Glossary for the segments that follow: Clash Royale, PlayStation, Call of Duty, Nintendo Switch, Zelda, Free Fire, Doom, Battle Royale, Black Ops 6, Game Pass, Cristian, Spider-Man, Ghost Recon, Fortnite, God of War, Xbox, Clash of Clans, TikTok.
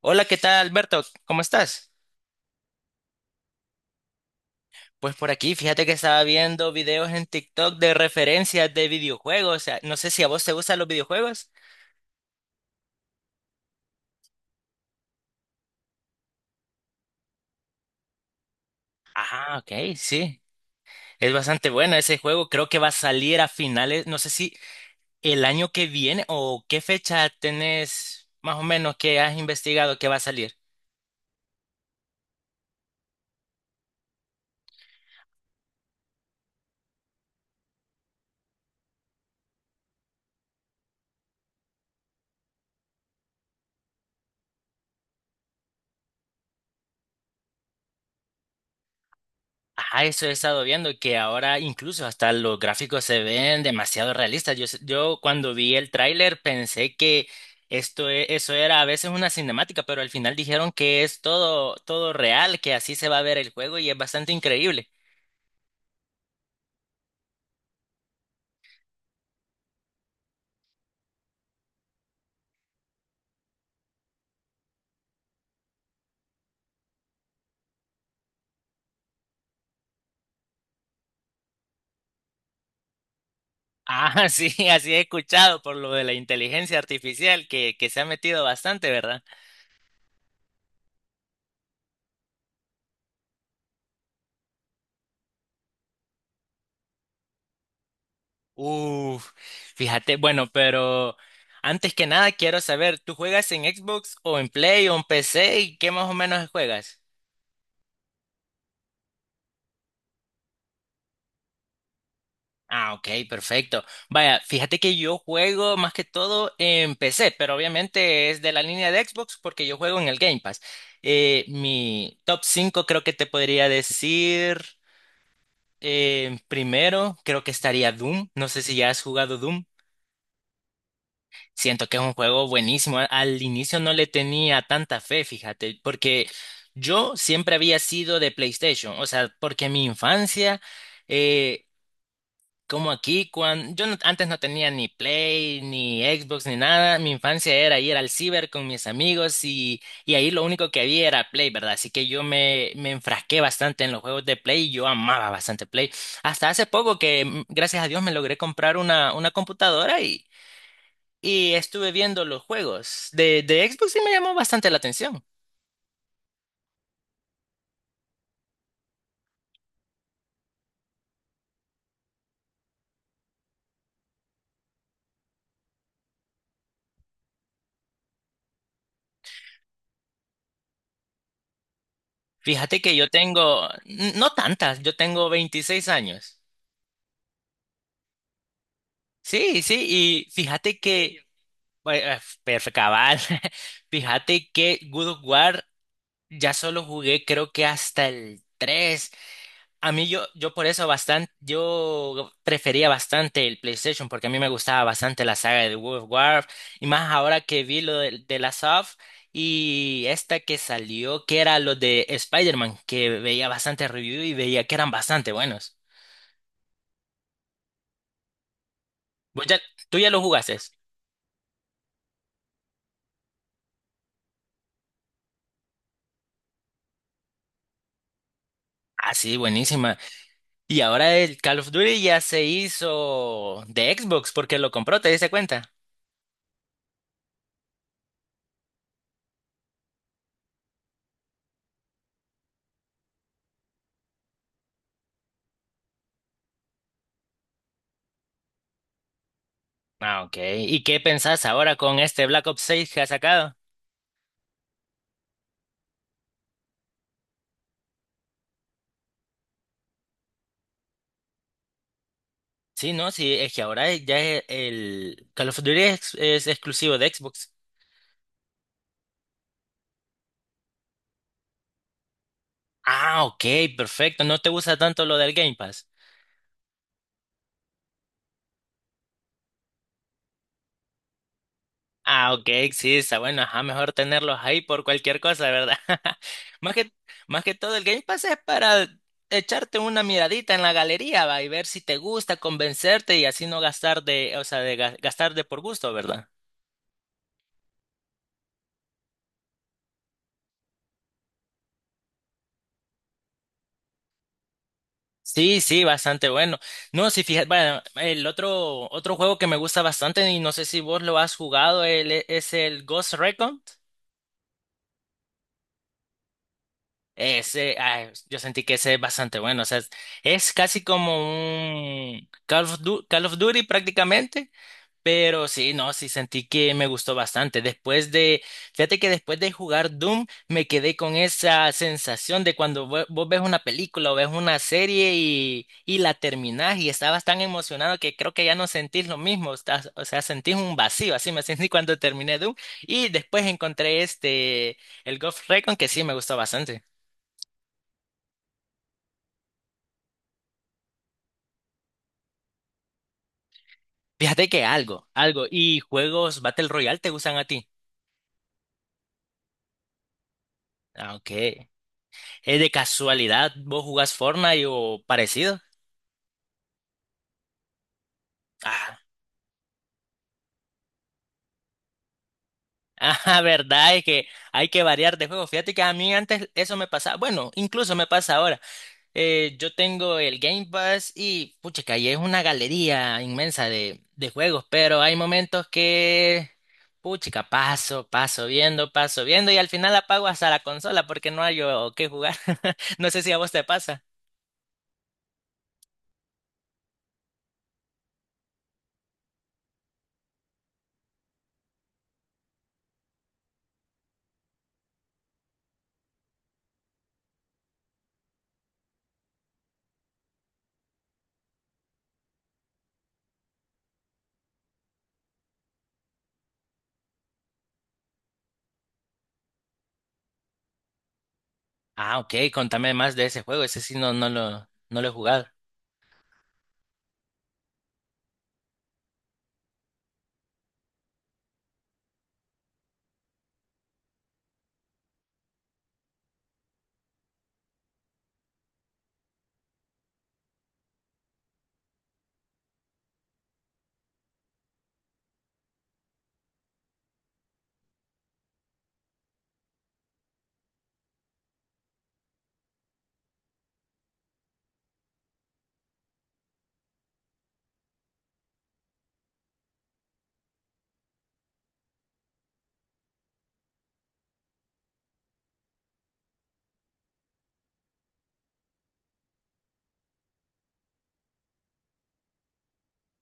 Hola, ¿qué tal, Alberto? ¿Cómo estás? Pues por aquí, fíjate que estaba viendo videos en TikTok de referencias de videojuegos. O sea, no sé si a vos te gustan los videojuegos. Ah, ok, sí. Es bastante bueno ese juego. Creo que va a salir a finales, no sé si el año que viene o qué fecha tenés más o menos que has investigado que va a salir. Ajá, eso he estado viendo, que ahora incluso hasta los gráficos se ven demasiado realistas. Yo, yo cuando vi el tráiler pensé que esto, eso era a veces una cinemática, pero al final dijeron que es todo real, que así se va a ver el juego y es bastante increíble. Ah, sí, así he escuchado por lo de la inteligencia artificial que se ha metido bastante, ¿verdad? Uf, fíjate, bueno, pero antes que nada quiero saber, ¿tú juegas en Xbox o en Play o en PC y qué más o menos juegas? Ah, ok, perfecto. Vaya, fíjate que yo juego más que todo en PC, pero obviamente es de la línea de Xbox porque yo juego en el Game Pass. Mi top 5, creo que te podría decir, primero creo que estaría Doom. No sé si ya has jugado Doom. Siento que es un juego buenísimo. Al inicio no le tenía tanta fe, fíjate, porque yo siempre había sido de PlayStation, o sea, porque mi infancia... eh, Como aquí, cuando yo antes no tenía ni Play, ni Xbox, ni nada. Mi infancia era ir al ciber con mis amigos y ahí lo único que había era Play, ¿verdad? Así que me enfrasqué bastante en los juegos de Play y yo amaba bastante Play. Hasta hace poco que, gracias a Dios, me logré comprar una computadora y estuve viendo los juegos de Xbox y me llamó bastante la atención. Fíjate que yo tengo, no tantas, yo tengo 26 años. Sí, sí, y fíjate que pues, perfecto, cabal. Fíjate que Good of War ya solo jugué creo que hasta el tres. A mí yo por eso bastante, yo prefería bastante el PlayStation porque a mí me gustaba bastante la saga de God of War y más ahora que vi lo de la Soft y esta que salió que era lo de Spider-Man que veía bastante review y veía que eran bastante buenos. Vos ya- ¿Tú ya lo jugaste? Ah, sí, buenísima. Y ahora el Call of Duty ya se hizo de Xbox porque lo compró, ¿te diste cuenta? Ah, ok. ¿Y qué pensás ahora con este Black Ops 6 que ha sacado? Sí, no, sí, es que ahora ya el Call of Duty es exclusivo de Xbox. Ah, ok, perfecto. No te gusta tanto lo del Game Pass. Ah, ok, sí, está bueno, ajá, mejor tenerlos ahí por cualquier cosa, ¿verdad? Más más que todo, el Game Pass es para echarte una miradita en la galería, va, y ver si te gusta, convencerte y así no gastar de, o sea, de gastar de por gusto, ¿verdad? Sí, sí, bastante bueno. No, si fijas, bueno, otro juego que me gusta bastante y no sé si vos lo has jugado, es el Ghost Recon. Ese, ah, yo sentí que ese es bastante bueno. O sea, es casi como un Call of Duty prácticamente. Pero sí, no, sí sentí que me gustó bastante. Fíjate que después de jugar Doom, me quedé con esa sensación de cuando vos ves una película o ves una serie y la terminás y estabas tan emocionado que creo que ya no sentís lo mismo. O sea, sentís un vacío. Así me sentí cuando terminé Doom. Y después encontré este, el Ghost Recon, que sí me gustó bastante. Fíjate que algo, algo. ¿Y juegos Battle Royale te gustan a ti? Ah, ok. ¿Es de casualidad vos jugás Fortnite o parecido? Ah, ah, verdad, es que hay que variar de juego. Fíjate que a mí antes eso me pasaba. Bueno, incluso me pasa ahora. Yo tengo el Game Pass y, pucha, y es una galería inmensa de juegos, pero hay momentos que, pucha, paso viendo y al final apago hasta la consola porque no hay o qué jugar. No sé si a vos te pasa. Ah, ok, contame más de ese juego, ese sí no lo he jugado.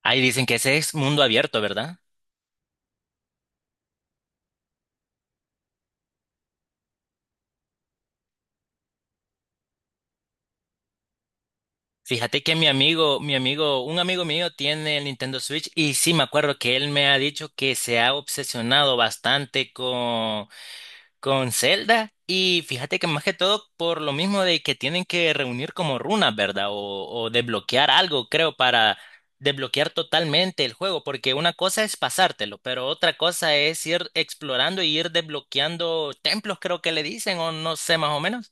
Ahí dicen que ese es mundo abierto, ¿verdad? Fíjate que un amigo mío tiene el Nintendo Switch y sí me acuerdo que él me ha dicho que se ha obsesionado bastante con Zelda y fíjate que más que todo por lo mismo de que tienen que reunir como runas, ¿verdad? O desbloquear algo, creo, para desbloquear totalmente el juego, porque una cosa es pasártelo, pero otra cosa es ir explorando y ir desbloqueando templos, creo que le dicen, o no sé más o menos.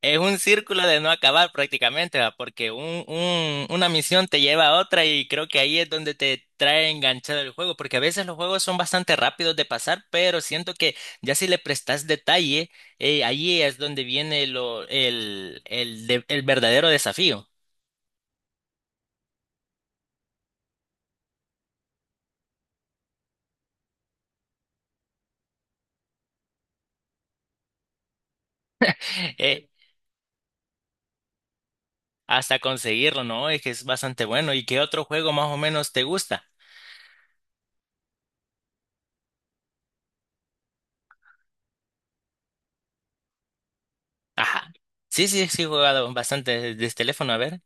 Es un círculo de no acabar prácticamente, ¿va? Porque una misión te lleva a otra y creo que ahí es donde te trae enganchado el juego, porque a veces los juegos son bastante rápidos de pasar, pero siento que ya si le prestas detalle, ahí es donde viene lo, el, de- el verdadero desafío. eh, hasta conseguirlo, ¿no? Es que es bastante bueno. ¿Y qué otro juego más o menos te gusta? Ajá. Sí, sí, sí, he jugado bastante desde el teléfono, a ver.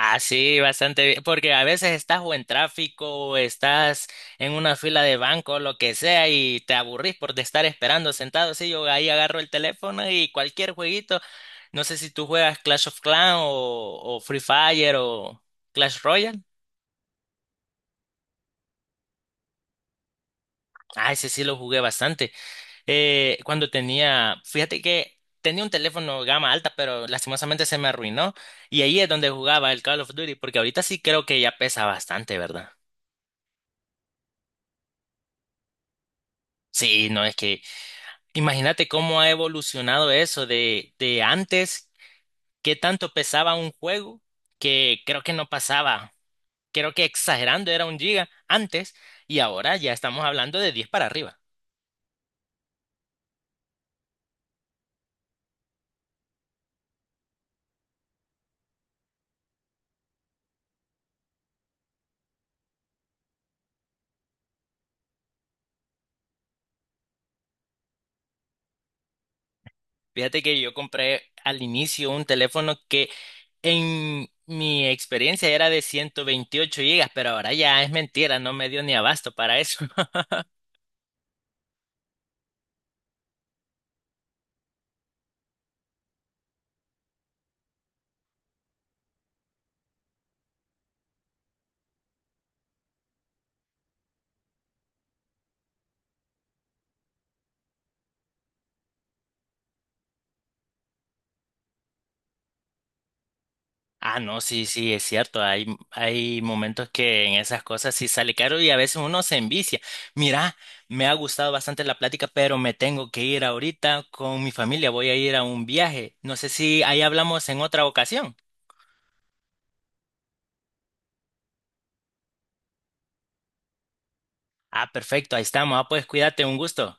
Ah, sí, bastante bien, porque a veces estás o en tráfico o estás en una fila de banco, lo que sea, y te aburrís por de estar esperando sentado. Sí, yo ahí agarro el teléfono y cualquier jueguito, no sé si tú juegas Clash of Clans o Free Fire o Clash Royale. Ah, ese sí lo jugué bastante. Cuando tenía, fíjate que tenía un teléfono gama alta, pero lastimosamente se me arruinó y ahí es donde jugaba el Call of Duty, porque ahorita sí creo que ya pesa bastante, ¿verdad? Sí, no es que imagínate cómo ha evolucionado eso de antes, qué tanto pesaba un juego que creo que no pasaba, creo que exagerando era un giga antes y ahora ya estamos hablando de 10 para arriba. Fíjate que yo compré al inicio un teléfono que en mi experiencia era de 128 gigas, pero ahora ya es mentira, no me dio ni abasto para eso. Ah, no, sí, sí, es cierto. Hay momentos que en esas cosas sí sale caro y a veces uno se envicia. Mira, me ha gustado bastante la plática, pero me tengo que ir ahorita con mi familia. Voy a ir a un viaje. No sé si ahí hablamos en otra ocasión. Ah, perfecto, ahí estamos. Ah, pues cuídate, un gusto.